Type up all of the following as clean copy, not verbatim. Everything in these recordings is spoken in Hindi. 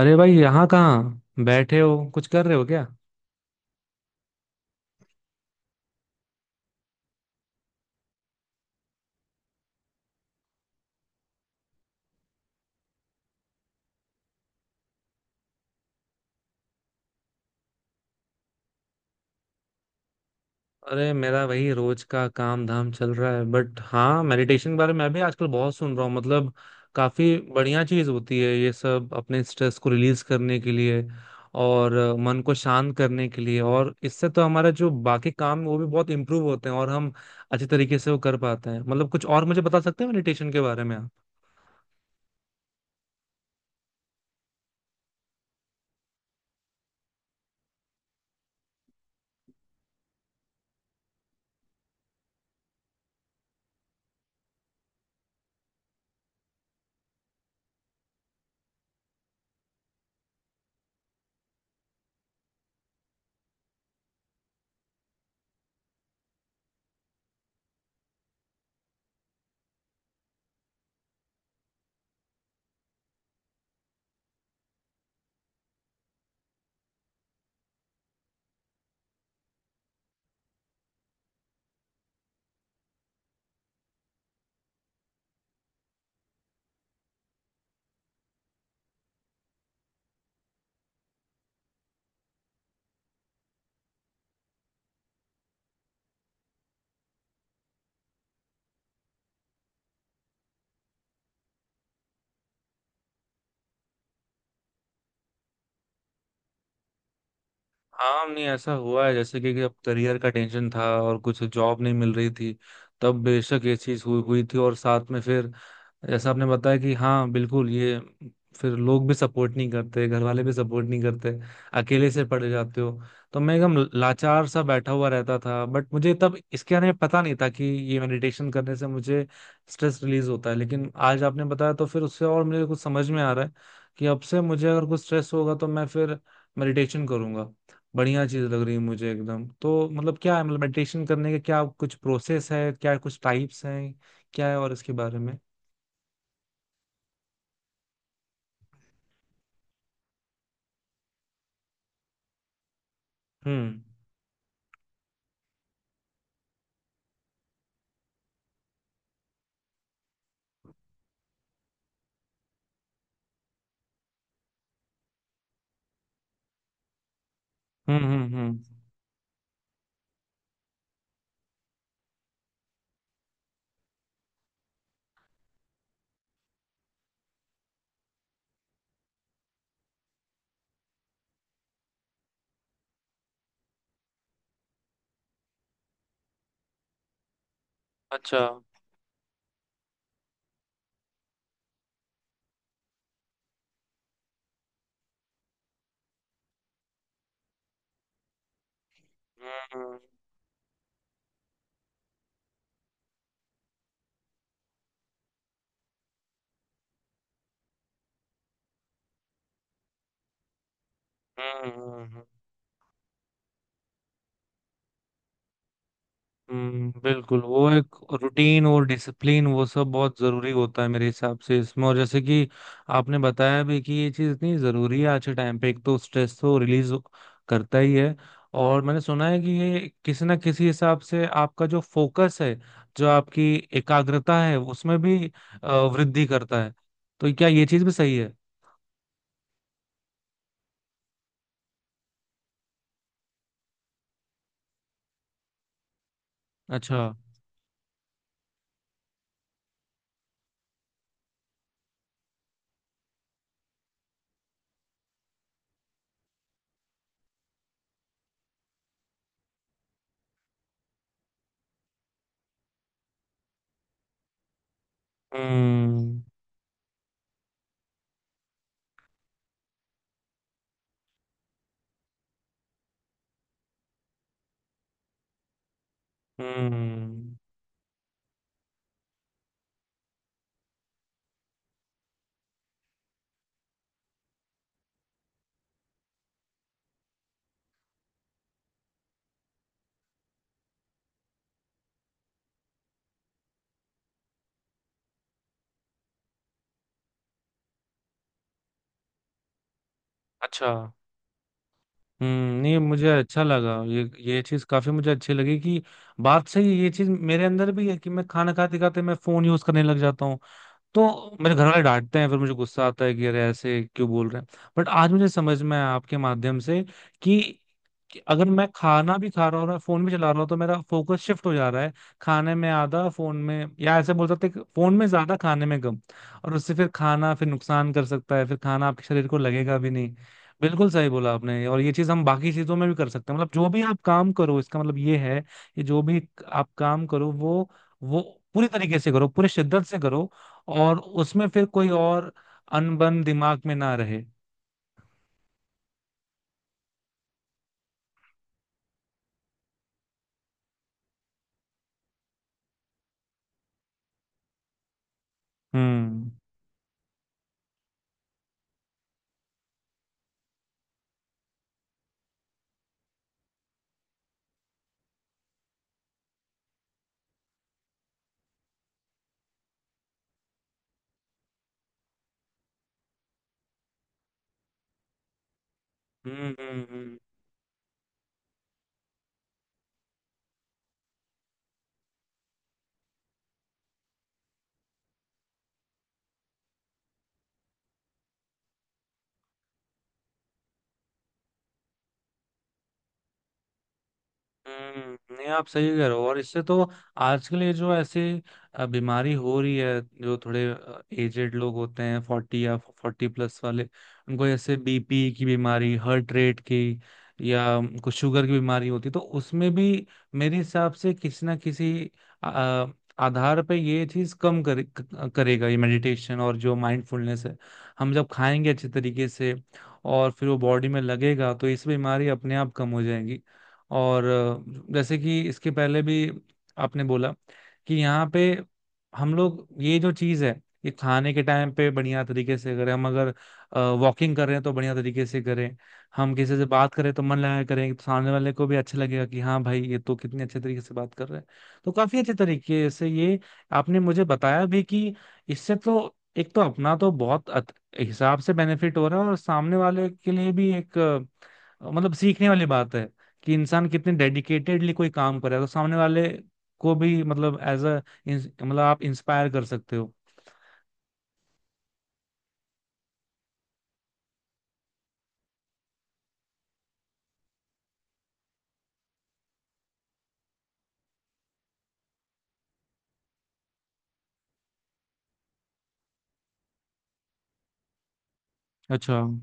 अरे भाई, यहाँ कहाँ बैठे हो? कुछ कर रहे हो क्या? अरे, मेरा वही रोज का काम धाम चल रहा है। बट हाँ, मेडिटेशन के बारे में मैं भी आजकल बहुत सुन रहा हूँ। काफी बढ़िया चीज होती है ये सब, अपने स्ट्रेस को रिलीज करने के लिए और मन को शांत करने के लिए। और इससे तो हमारा जो बाकी काम है, वो भी बहुत इम्प्रूव होते हैं और हम अच्छे तरीके से वो कर पाते हैं। मतलब, कुछ और मुझे बता सकते हैं मेडिटेशन के बारे में? हाँ, नहीं ऐसा हुआ है। जैसे कि अब करियर का टेंशन था और कुछ जॉब नहीं मिल रही थी, तब बेशक ये चीज हुई हुई थी। और साथ में फिर जैसा आपने बताया कि हाँ, बिल्कुल ये, फिर लोग भी सपोर्ट नहीं करते, घर वाले भी सपोर्ट नहीं करते, अकेले से पड़ जाते हो। तो मैं एकदम लाचार सा बैठा हुआ रहता था। बट मुझे तब इसके बारे में पता नहीं था कि ये मेडिटेशन करने से मुझे स्ट्रेस रिलीज होता है। लेकिन आज आपने बताया तो फिर उससे और मुझे कुछ समझ में आ रहा है कि अब से मुझे अगर कुछ स्ट्रेस होगा तो मैं फिर मेडिटेशन करूंगा। बढ़िया चीज लग रही है मुझे एकदम। तो मतलब क्या है? मतलब मेडिटेशन करने के क्या कुछ प्रोसेस है? क्या कुछ टाइप्स हैं? क्या है और इसके बारे में? हम्म। हम्म हम्म हम्म, अच्छा। हम्म हम्म। बिल्कुल। वो एक रूटीन और डिसिप्लिन, वो सब बहुत जरूरी होता है मेरे हिसाब से इसमें। और जैसे कि आपने बताया भी कि ये चीज इतनी जरूरी है आज के टाइम पे, एक तो स्ट्रेस तो रिलीज करता ही है। और मैंने सुना है कि ये किसी ना किसी हिसाब से आपका जो फोकस है, जो आपकी एकाग्रता है, उसमें भी वृद्धि करता है। तो क्या ये चीज भी सही है? अच्छा। हम्म हम्म अच्छा। हम्म, नहीं मुझे अच्छा लगा ये। ये चीज काफी मुझे अच्छी लगी कि बात सही है। ये चीज मेरे अंदर भी है कि मैं खाना खाते खाते मैं फोन यूज करने लग जाता हूँ तो मेरे घर वाले डांटते हैं, फिर मुझे गुस्सा आता है कि अरे ऐसे क्यों बोल रहे हैं। बट आज मुझे समझ में आया आपके माध्यम से कि, कि अगर मैं खाना भी खा रहा हूँ और फोन भी चला रहा हूँ तो मेरा फोकस शिफ्ट हो जा रहा है। खाने में आधा, फोन में, या ऐसे बोल सकते हैं कि फोन में ज्यादा, खाने में कम। और उससे फिर खाना फिर नुकसान कर सकता है, फिर खाना आपके शरीर को लगेगा भी नहीं। बिल्कुल सही बोला आपने। और ये चीज हम बाकी चीजों में भी कर सकते हैं। मतलब जो भी आप काम करो, इसका मतलब ये है कि जो भी आप काम करो वो पूरी तरीके से करो, पूरी शिद्दत से करो। और उसमें फिर कोई और अनबन दिमाग में ना रहे। हम्म हम्म हम्म, हम्म, नहीं आप सही कह रहे हो। और इससे तो आजकल ये जो ऐसी बीमारी हो रही है, जो थोड़े एजेड लोग होते हैं, फोर्टी या फोर्टी प्लस वाले, उनको ऐसे बीपी की बीमारी, हार्ट रेट की, या कुछ शुगर की बीमारी होती है, तो उसमें भी मेरे हिसाब से किसी ना किसी अ, आधार पे ये चीज करेगा ये मेडिटेशन और जो माइंडफुलनेस है। हम जब खाएंगे अच्छे तरीके से और फिर वो बॉडी में लगेगा तो इस बीमारी अपने आप कम हो जाएंगी। और जैसे कि इसके पहले भी आपने बोला कि यहाँ पे हम लोग ये जो चीज़ है, ये खाने के टाइम पे बढ़िया तरीके से करें, हम अगर वॉकिंग कर रहे हैं तो बढ़िया तरीके से करें, हम किसी से बात करें तो मन लगा करें, तो सामने वाले को भी अच्छा लगेगा कि हाँ भाई, ये तो कितने अच्छे तरीके से बात कर रहे हैं। तो काफी अच्छे तरीके से ये आपने मुझे बताया भी कि इससे तो एक तो अपना तो बहुत हिसाब से बेनिफिट हो रहा है, और सामने वाले के लिए भी एक मतलब सीखने वाली बात है कि इंसान कितने डेडिकेटेडली कोई काम करे तो सामने वाले को भी, मतलब एज अ, मतलब आप इंस्पायर कर सकते हो। अच्छा।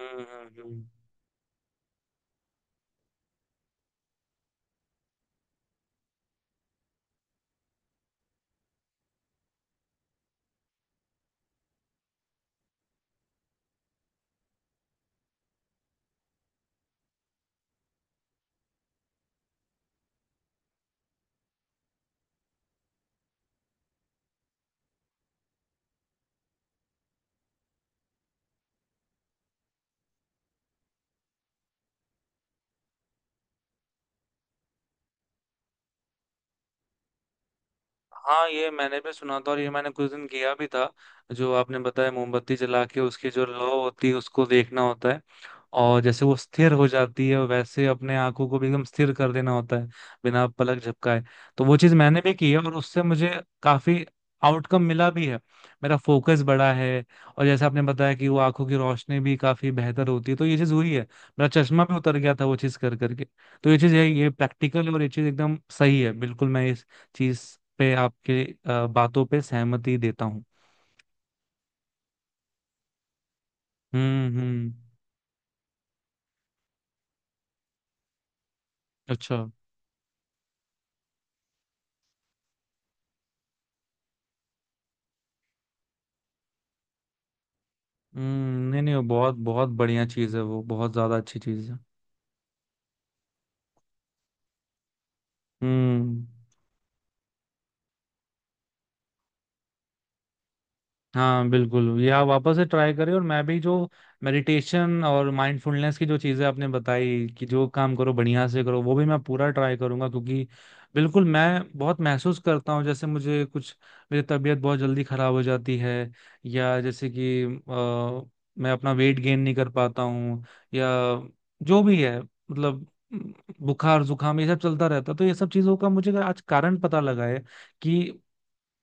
हम्म, हम्म। हाँ, ये मैंने भी सुना था और ये मैंने कुछ दिन किया भी था। जो आपने बताया, मोमबत्ती जला के उसकी जो लौ होती है उसको देखना होता है, और जैसे वो स्थिर हो जाती है वैसे अपने आंखों को भी एकदम स्थिर कर देना होता है, बिना पलक झपकाए। तो वो चीज मैंने भी की है और उससे मुझे काफी आउटकम मिला भी है। मेरा फोकस बढ़ा है। और जैसे आपने बताया कि वो आंखों की रोशनी भी काफी बेहतर होती है, तो ये चीज हुई है। मेरा चश्मा भी उतर गया था वो चीज कर करके। तो ये चीज है, ये प्रैक्टिकल, और ये चीज एकदम सही है। बिल्कुल मैं चीज पे आपके बातों पे सहमति देता हूँ। हम्म हम्म अच्छा। हम्म, नहीं नहीं वो बहुत बहुत बढ़िया चीज है, वो बहुत ज्यादा अच्छी चीज है। हम्म। हाँ बिल्कुल, ये आप वापस से ट्राई करें। और मैं भी जो मेडिटेशन और माइंडफुलनेस की जो चीज़ें आपने बताई कि जो काम करो बढ़िया से करो, वो भी मैं पूरा ट्राई करूंगा। क्योंकि बिल्कुल मैं बहुत महसूस करता हूँ, जैसे मुझे कुछ, मेरी तबीयत बहुत जल्दी खराब हो जाती है, या जैसे कि मैं अपना वेट गेन नहीं कर पाता हूँ, या जो भी है। मतलब बुखार जुकाम ये सब चलता रहता है। तो ये सब चीज़ों का मुझे आज कारण पता लगा है कि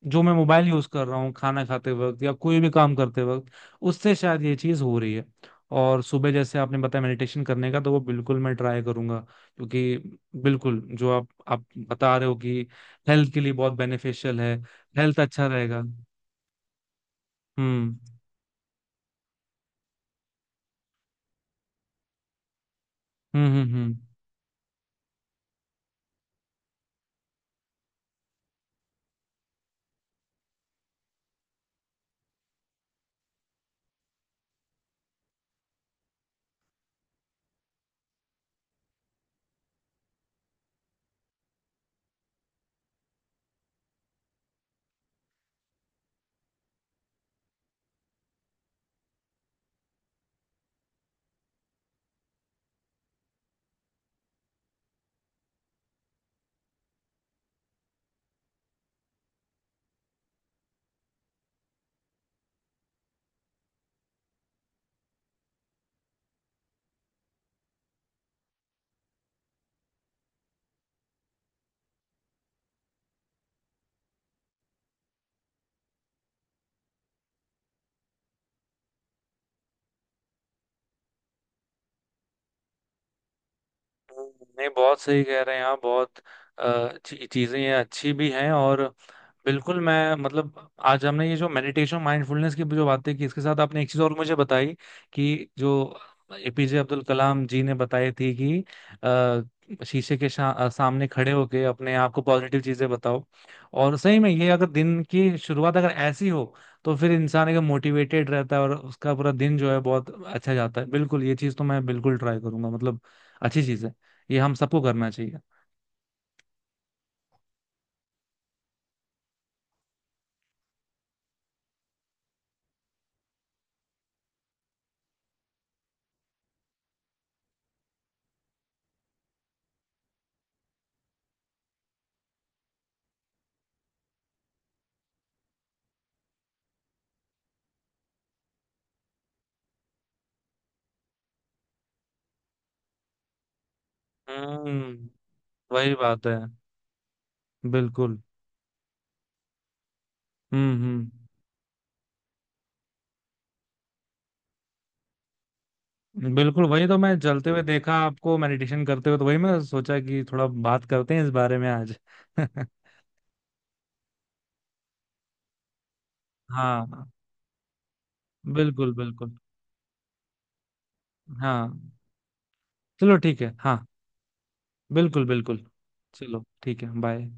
जो मैं मोबाइल यूज कर रहा हूँ खाना खाते वक्त या कोई भी काम करते वक्त, उससे शायद ये चीज हो रही है। और सुबह जैसे आपने बताया मेडिटेशन करने का, तो वो बिल्कुल मैं ट्राई करूंगा। क्योंकि बिल्कुल जो आप बता रहे हो कि हेल्थ के लिए बहुत बेनिफिशियल है, हेल्थ अच्छा रहेगा। हम्म हम्म, नहीं बहुत सही कह रहे हैं आप। बहुत चीजें ये अच्छी भी हैं। और बिल्कुल मैं, मतलब आज हमने ये जो मेडिटेशन माइंडफुलनेस की जो बातें की, इसके साथ आपने एक चीज और मुझे बताई कि जो एपीजे अब्दुल कलाम जी ने बताई थी कि शीशे के सामने खड़े होके अपने आप को पॉजिटिव चीजें बताओ। और सही में ये अगर दिन की शुरुआत अगर ऐसी हो तो फिर इंसान एकदम मोटिवेटेड रहता है और उसका पूरा दिन जो है बहुत अच्छा जाता है। बिल्कुल ये चीज तो मैं बिल्कुल ट्राई करूंगा। मतलब अच्छी चीज है, ये हम सबको करना चाहिए। हम्म, वही बात है। बिल्कुल। हम्म हम्म बिल्कुल। वही तो मैं चलते हुए देखा आपको मेडिटेशन करते हुए, तो वही मैं सोचा कि थोड़ा बात करते हैं इस बारे में आज। हाँ, बिल्कुल बिल्कुल। हाँ, चलो ठीक है। हाँ, बिल्कुल बिल्कुल। चलो ठीक है, बाय।